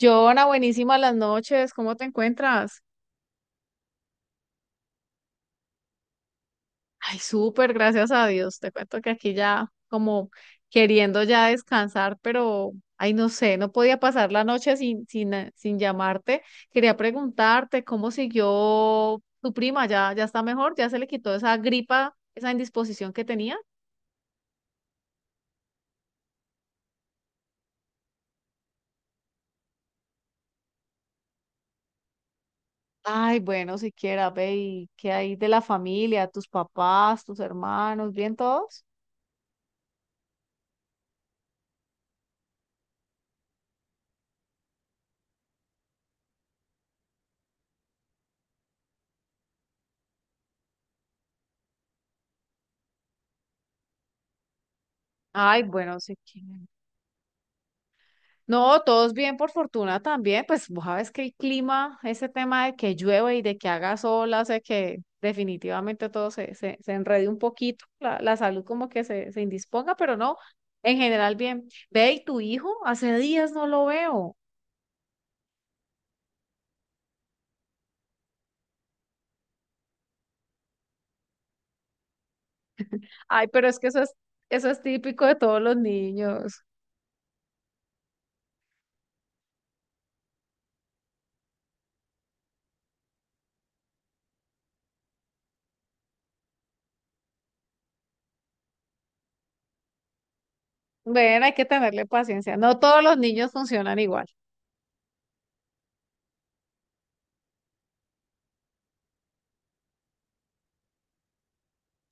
Joana, buenísimas las noches, ¿cómo te encuentras? Ay, súper, gracias a Dios. Te cuento que aquí ya como queriendo ya descansar, pero ay, no sé, no podía pasar la noche sin llamarte. Quería preguntarte cómo siguió tu prima, ya está mejor, ya se le quitó esa gripa, esa indisposición que tenía. Ay, bueno, siquiera, ve, ¿y qué hay de la familia, tus papás, tus hermanos, bien todos? Ay, bueno, siquiera. No, todos bien, por fortuna también. Pues vos sabes que el clima, ese tema de que llueve y de que haga sol, hace que definitivamente todo se enrede un poquito, la salud como que se indisponga, pero no, en general bien. Ve, ¿y tu hijo? Hace días no lo veo. Ay, pero es que eso es típico de todos los niños. Ven, hay que tenerle paciencia. No todos los niños funcionan igual.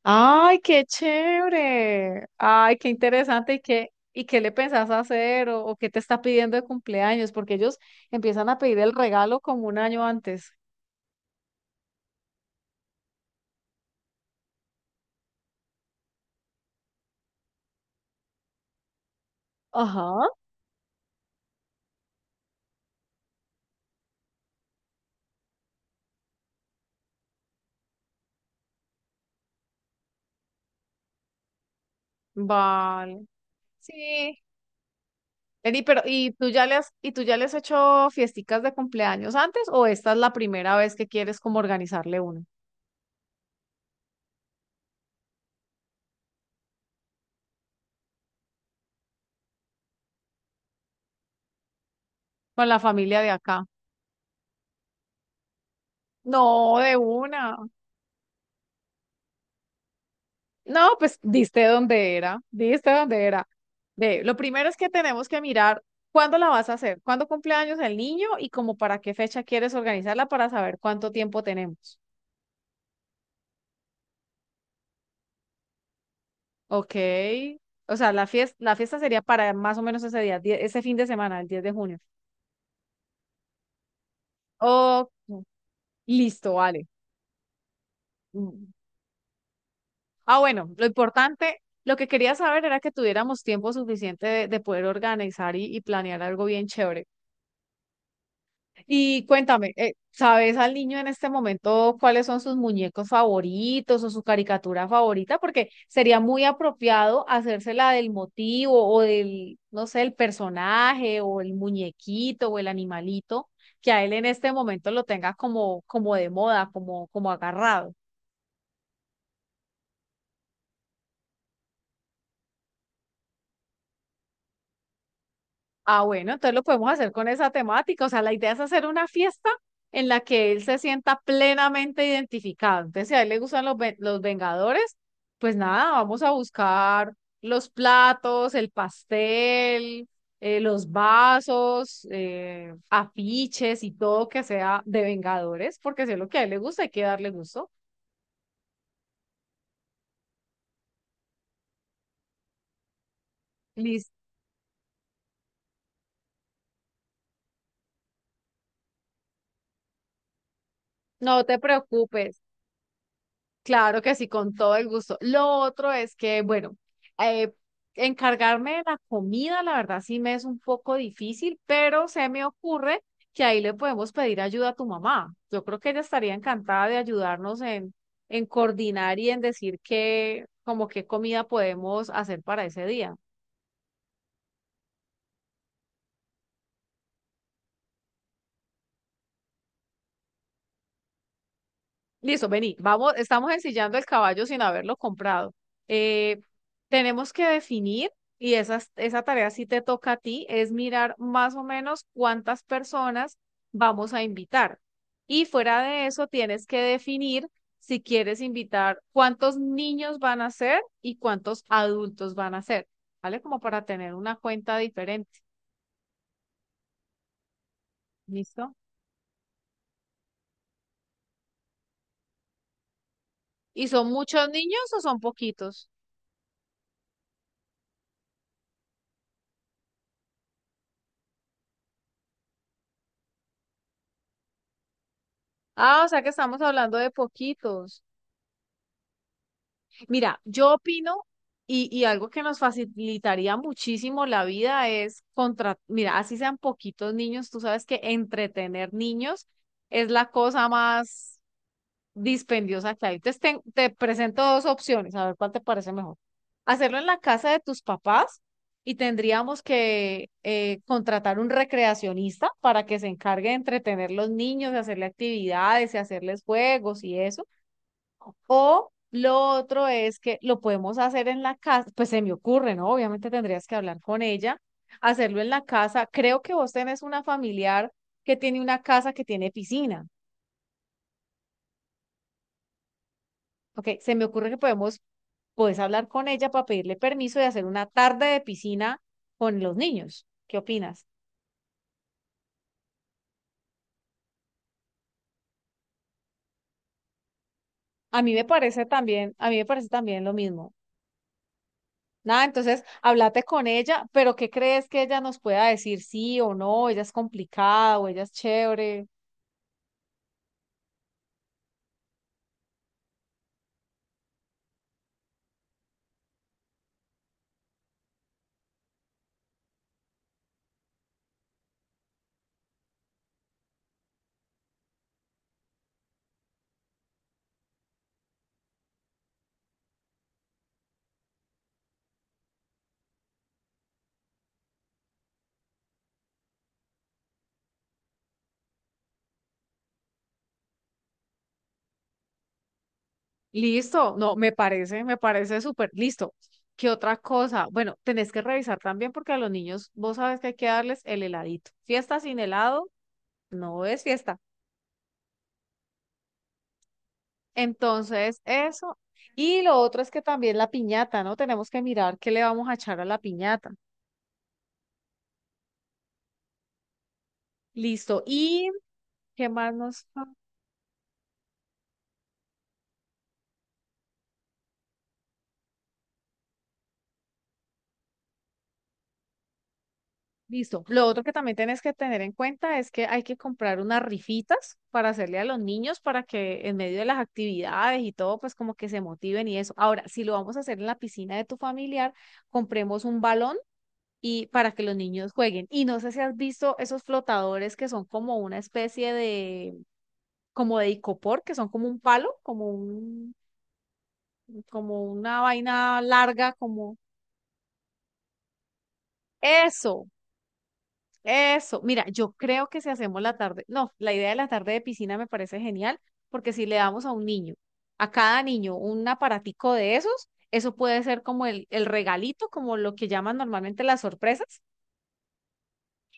Ay, qué chévere. Ay, qué interesante. ¿Y qué le pensás hacer o qué te está pidiendo de cumpleaños? Porque ellos empiezan a pedir el regalo como un año antes. Ajá. Vale. Sí. Vení, pero ¿y tú ya le has, y tú ya le has hecho fiesticas de cumpleaños antes o esta es la primera vez que quieres como organizarle una con la familia de acá? No, de una. No, pues diste dónde era, diste dónde era. Ve, lo primero es que tenemos que mirar cuándo la vas a hacer, cuándo cumple años el niño y como para qué fecha quieres organizarla para saber cuánto tiempo tenemos. Ok. O sea, la fiesta sería para más o menos ese día, ese fin de semana, el 10 de junio. Oh, listo, vale. Mm. Ah, bueno, lo importante, lo que quería saber era que tuviéramos tiempo suficiente de poder organizar y planear algo bien chévere. Y cuéntame, ¿sabes al niño en este momento cuáles son sus muñecos favoritos o su caricatura favorita? Porque sería muy apropiado hacérsela del motivo o del, no sé, el personaje o el muñequito o el animalito que a él en este momento lo tenga como, como de moda, como, como agarrado. Ah, bueno, entonces lo podemos hacer con esa temática. O sea, la idea es hacer una fiesta en la que él se sienta plenamente identificado. Entonces, si a él le gustan los, los Vengadores, pues nada, vamos a buscar los platos, el pastel, los vasos, afiches y todo que sea de Vengadores, porque si es lo que a él le gusta, hay que darle gusto. Listo. No te preocupes. Claro que sí, con todo el gusto. Lo otro es que, bueno, eh, encargarme de la comida, la verdad sí me es un poco difícil, pero se me ocurre que ahí le podemos pedir ayuda a tu mamá. Yo creo que ella estaría encantada de ayudarnos en coordinar y en decir qué, como qué comida podemos hacer para ese día. Listo, vení, vamos, estamos ensillando el caballo sin haberlo comprado. Eh, tenemos que definir, y esa tarea sí te toca a ti, es mirar más o menos cuántas personas vamos a invitar. Y fuera de eso, tienes que definir si quieres invitar cuántos niños van a ser y cuántos adultos van a ser, ¿vale? Como para tener una cuenta diferente, ¿listo? ¿Y son muchos niños o son poquitos? Ah, o sea que estamos hablando de poquitos. Mira, yo opino y algo que nos facilitaría muchísimo la vida es contra, mira, así sean poquitos niños, tú sabes que entretener niños es la cosa más dispendiosa que hay. Entonces te presento dos opciones, a ver cuál te parece mejor. Hacerlo en la casa de tus papás y tendríamos que contratar un recreacionista para que se encargue de entretener los niños, de hacerle actividades y hacerles juegos y eso. O lo otro es que lo podemos hacer en la casa, pues se me ocurre, ¿no? Obviamente tendrías que hablar con ella, hacerlo en la casa. Creo que vos tenés una familiar que tiene una casa que tiene piscina. Ok, se me ocurre que puedes hablar con ella para pedirle permiso de hacer una tarde de piscina con los niños. ¿Qué opinas? A mí me parece también, a mí me parece también lo mismo. Nada, entonces, háblate con ella, pero ¿qué crees que ella nos pueda decir sí o no? Ella es complicada o ella es chévere. Listo, no, me parece súper listo. ¿Qué otra cosa? Bueno, tenés que revisar también porque a los niños, vos sabes que hay que darles el heladito. Fiesta sin helado no es fiesta. Entonces, eso. Y lo otro es que también la piñata, ¿no? Tenemos que mirar qué le vamos a echar a la piñata. Listo. ¿Y qué más nos? Listo. Lo otro que también tienes que tener en cuenta es que hay que comprar unas rifitas para hacerle a los niños para que en medio de las actividades y todo, pues como que se motiven y eso. Ahora, si lo vamos a hacer en la piscina de tu familiar, compremos un balón y para que los niños jueguen. Y no sé si has visto esos flotadores que son como una especie de, como de icopor, que son como un palo, como un, como una vaina larga, como eso. Eso, mira, yo creo que si hacemos la tarde, no, la idea de la tarde de piscina me parece genial, porque si le damos a un niño, a cada niño, un aparatico de esos, eso puede ser como el regalito, como lo que llaman normalmente las sorpresas,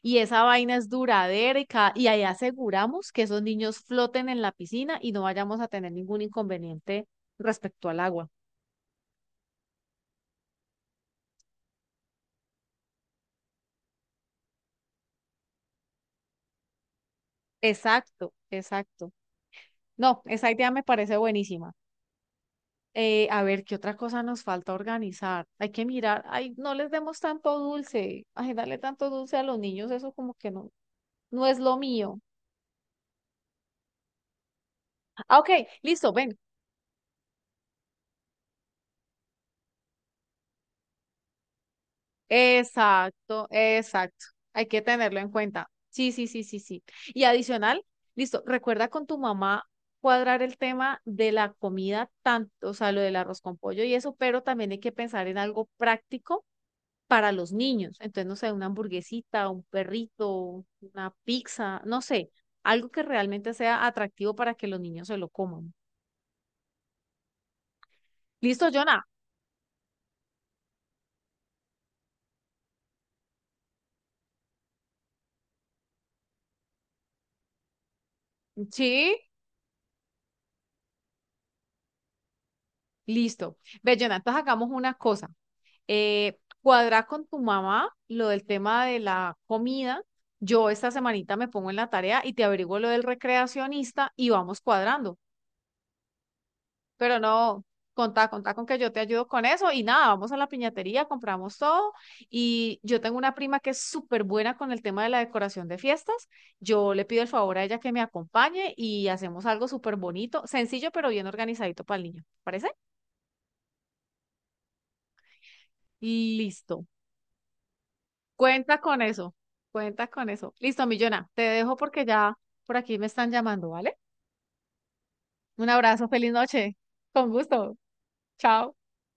y esa vaina es duradera y, y ahí aseguramos que esos niños floten en la piscina y no vayamos a tener ningún inconveniente respecto al agua. Exacto, exacto. No, esa idea me parece buenísima. A ver, ¿qué otra cosa nos falta organizar? Hay que mirar, ay, no les demos tanto dulce, ay, darle tanto dulce a los niños, eso como que no, no es lo mío. Ah, ok, listo, ven. Exacto, exacto. Hay que tenerlo en cuenta. Sí, sí, sí, sí, sí. Y adicional, listo, recuerda con tu mamá cuadrar el tema de la comida, tanto, o sea, lo del arroz con pollo y eso, pero también hay que pensar en algo práctico para los niños. Entonces, no sé, una hamburguesita, un perrito, una pizza, no sé, algo que realmente sea atractivo para que los niños se lo coman. ¿Listo, Jonah? Sí, listo. Ve, Jonah, entonces hagamos una cosa. Cuadra con tu mamá lo del tema de la comida. Yo esta semanita me pongo en la tarea y te averiguo lo del recreacionista y vamos cuadrando. Pero no, contá, contá con que yo te ayudo con eso y nada, vamos a la piñatería, compramos todo y yo tengo una prima que es súper buena con el tema de la decoración de fiestas. Yo le pido el favor a ella que me acompañe y hacemos algo súper bonito, sencillo pero bien organizadito para el niño. ¿Parece? Listo. Cuenta con eso. Cuenta con eso. Listo, Millona. Te dejo porque ya por aquí me están llamando, ¿vale? Un abrazo, feliz noche. Con gusto. Chao.